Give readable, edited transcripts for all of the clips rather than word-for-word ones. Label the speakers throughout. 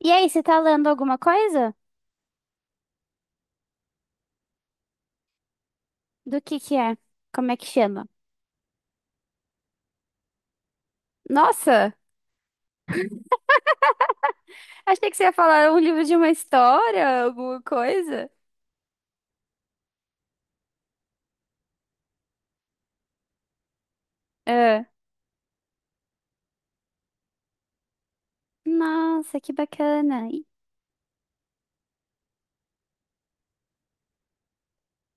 Speaker 1: E aí, você tá lendo alguma coisa? Do que é? Como é que chama? Nossa, achei que você ia falar um livro de uma história, alguma coisa. É. Nossa, que bacana. E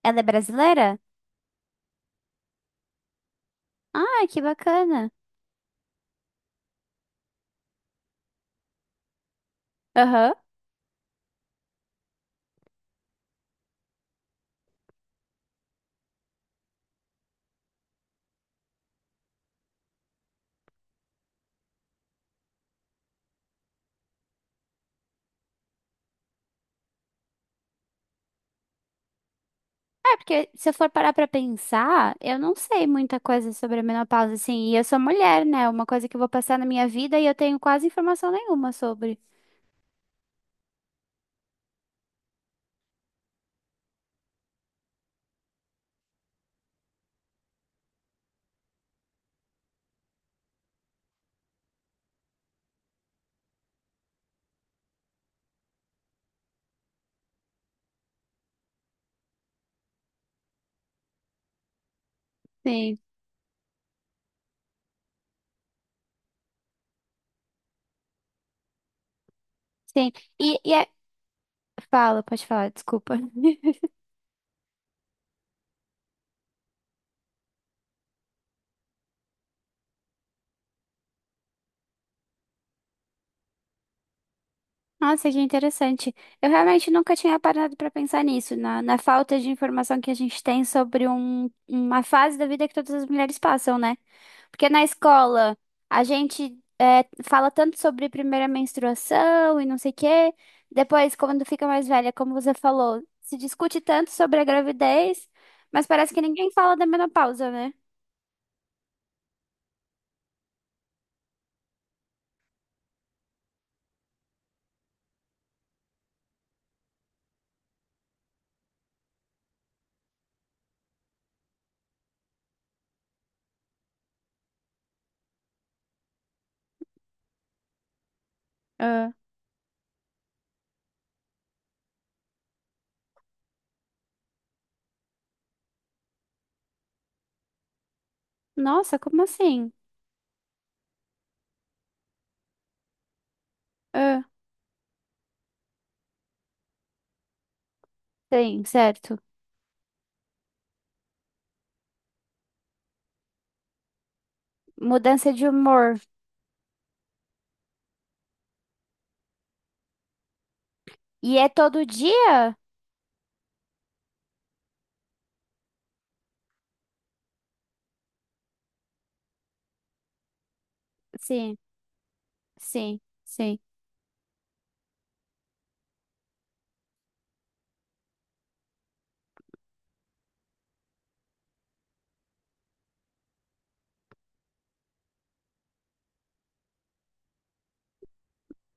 Speaker 1: ela é brasileira? Ah, que bacana. Aham. É, porque se eu for parar pra pensar, eu não sei muita coisa sobre a menopausa, assim. E eu sou mulher, né? É uma coisa que eu vou passar na minha vida e eu tenho quase informação nenhuma sobre. Sim. Sim. E é... Fala, pode falar, desculpa. Nossa, que interessante. Eu realmente nunca tinha parado para pensar nisso, na falta de informação que a gente tem sobre uma fase da vida que todas as mulheres passam, né? Porque na escola a gente fala tanto sobre primeira menstruação e não sei o quê. Depois, quando fica mais velha, como você falou, se discute tanto sobre a gravidez, mas parece que ninguém fala da menopausa, né? Ah. Nossa, como assim? Ah. Sim, certo. Mudança de humor. E é todo dia? Sim. Sim, sim.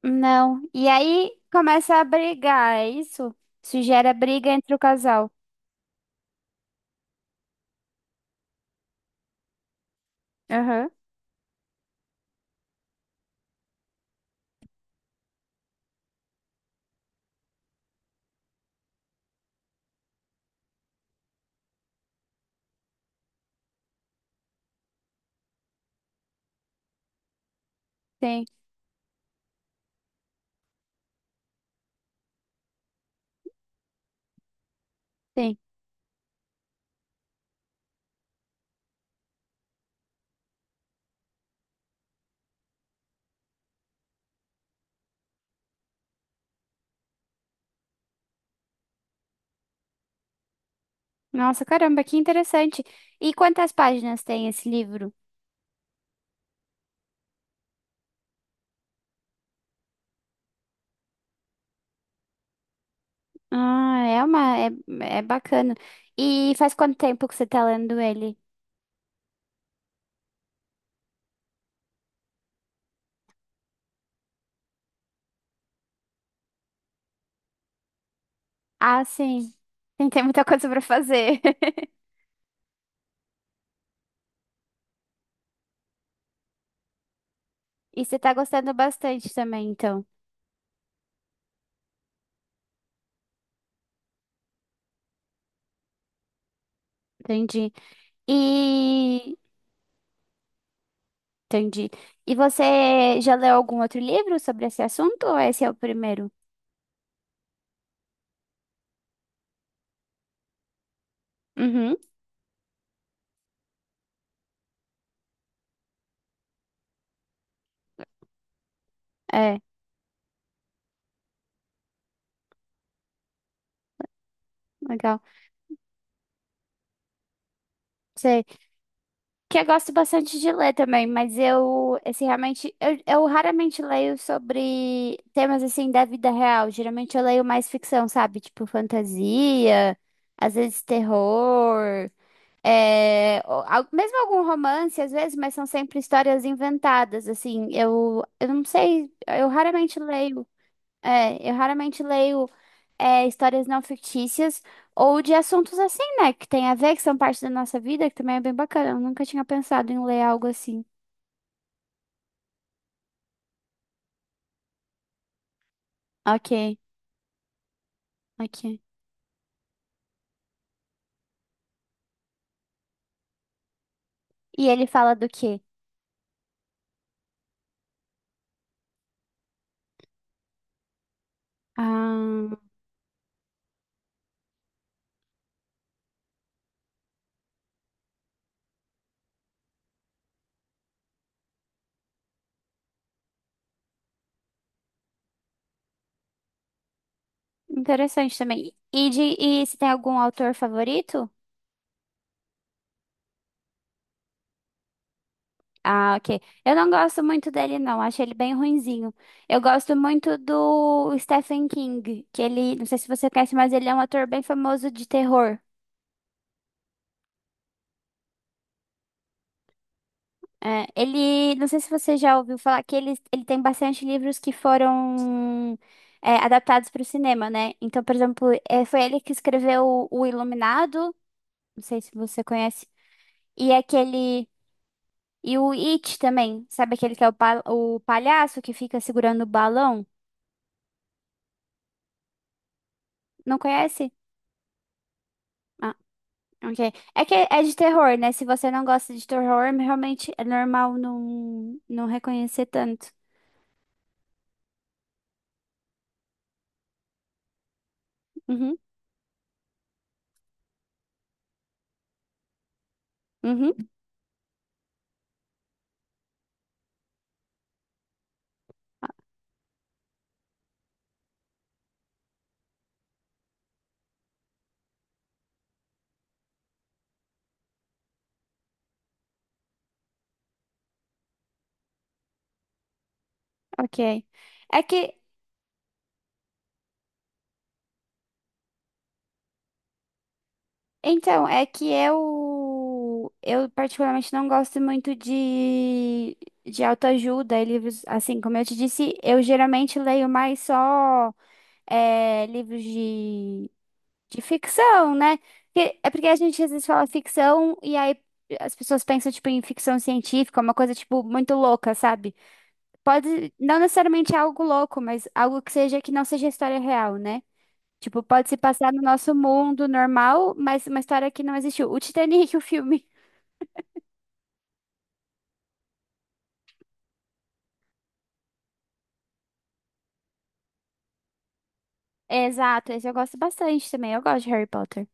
Speaker 1: Não. E aí começa a brigar, é isso? Isso gera briga entre o casal. Aham, sim, sim. Nossa, caramba, que interessante. E quantas páginas tem esse livro? Ah, é bacana. E faz quanto tempo que você tá lendo ele? Ah, sim. Tem muita coisa pra fazer. E você tá gostando bastante também, então. Entendi. E entendi. E você já leu algum outro livro sobre esse assunto ou esse é o primeiro? Uhum, é, legal. Sei. Que eu gosto bastante de ler também, mas esse realmente, eu raramente leio sobre temas assim da vida real. Geralmente eu leio mais ficção, sabe? Tipo fantasia, às vezes terror, é, ou mesmo algum romance, às vezes, mas são sempre histórias inventadas, assim. Eu não sei, eu raramente leio. É, eu raramente leio é, histórias não fictícias ou de assuntos assim, né? Que tem a ver, que são parte da nossa vida, que também é bem bacana. Eu nunca tinha pensado em ler algo assim. Ok, ok. E ele fala do quê? Ah, interessante também. E, de, e se tem algum autor favorito? Ah, ok. Eu não gosto muito dele, não. Acho ele bem ruinzinho. Eu gosto muito do Stephen King, que ele, não sei se você conhece, mas ele é um ator bem famoso de terror. É, ele, não sei se você já ouviu falar que ele tem bastante livros que foram é, adaptados para o cinema, né? Então, por exemplo, é, foi ele que escreveu O Iluminado, não sei se você conhece, e aquele, e o It também, sabe aquele que é o, o palhaço que fica segurando o balão? Não conhece? Ah, ok. É que é de terror, né? Se você não gosta de terror, realmente é normal não reconhecer tanto. Uhum, uhum, ok. É que então, é que eu particularmente não gosto muito de autoajuda e livros, assim, como eu te disse, eu geralmente leio mais só é, livros de ficção, né? É porque a gente às vezes fala ficção e aí as pessoas pensam, tipo, em ficção científica, uma coisa, tipo, muito louca, sabe? Pode, não necessariamente algo louco, mas algo que seja, que não seja história real, né? Tipo, pode se passar no nosso mundo normal, mas uma história que não existiu. O Titanic, o filme. Exato, esse eu gosto bastante também. Eu gosto de Harry Potter.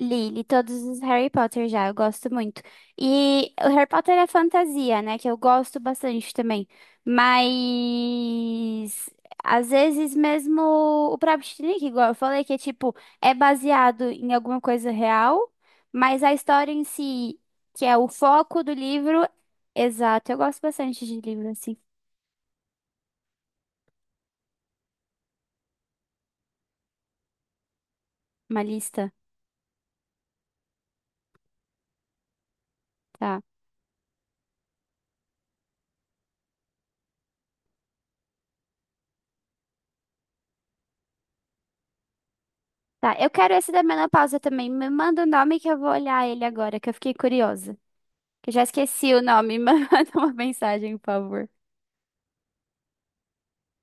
Speaker 1: Li, li todos os Harry Potter já, eu gosto muito. E o Harry Potter é fantasia, né? Que eu gosto bastante também. Mas às vezes mesmo o próprio Titanic, igual eu falei, que é tipo, é baseado em alguma coisa real, mas a história em si, que é o foco do livro, exato. Eu gosto bastante de livro, assim, uma lista. Tá. Tá, eu quero esse da menopausa também. Me manda o nome que eu vou olhar ele agora, que eu fiquei curiosa. Que eu já esqueci o nome. Mas manda uma mensagem, por favor.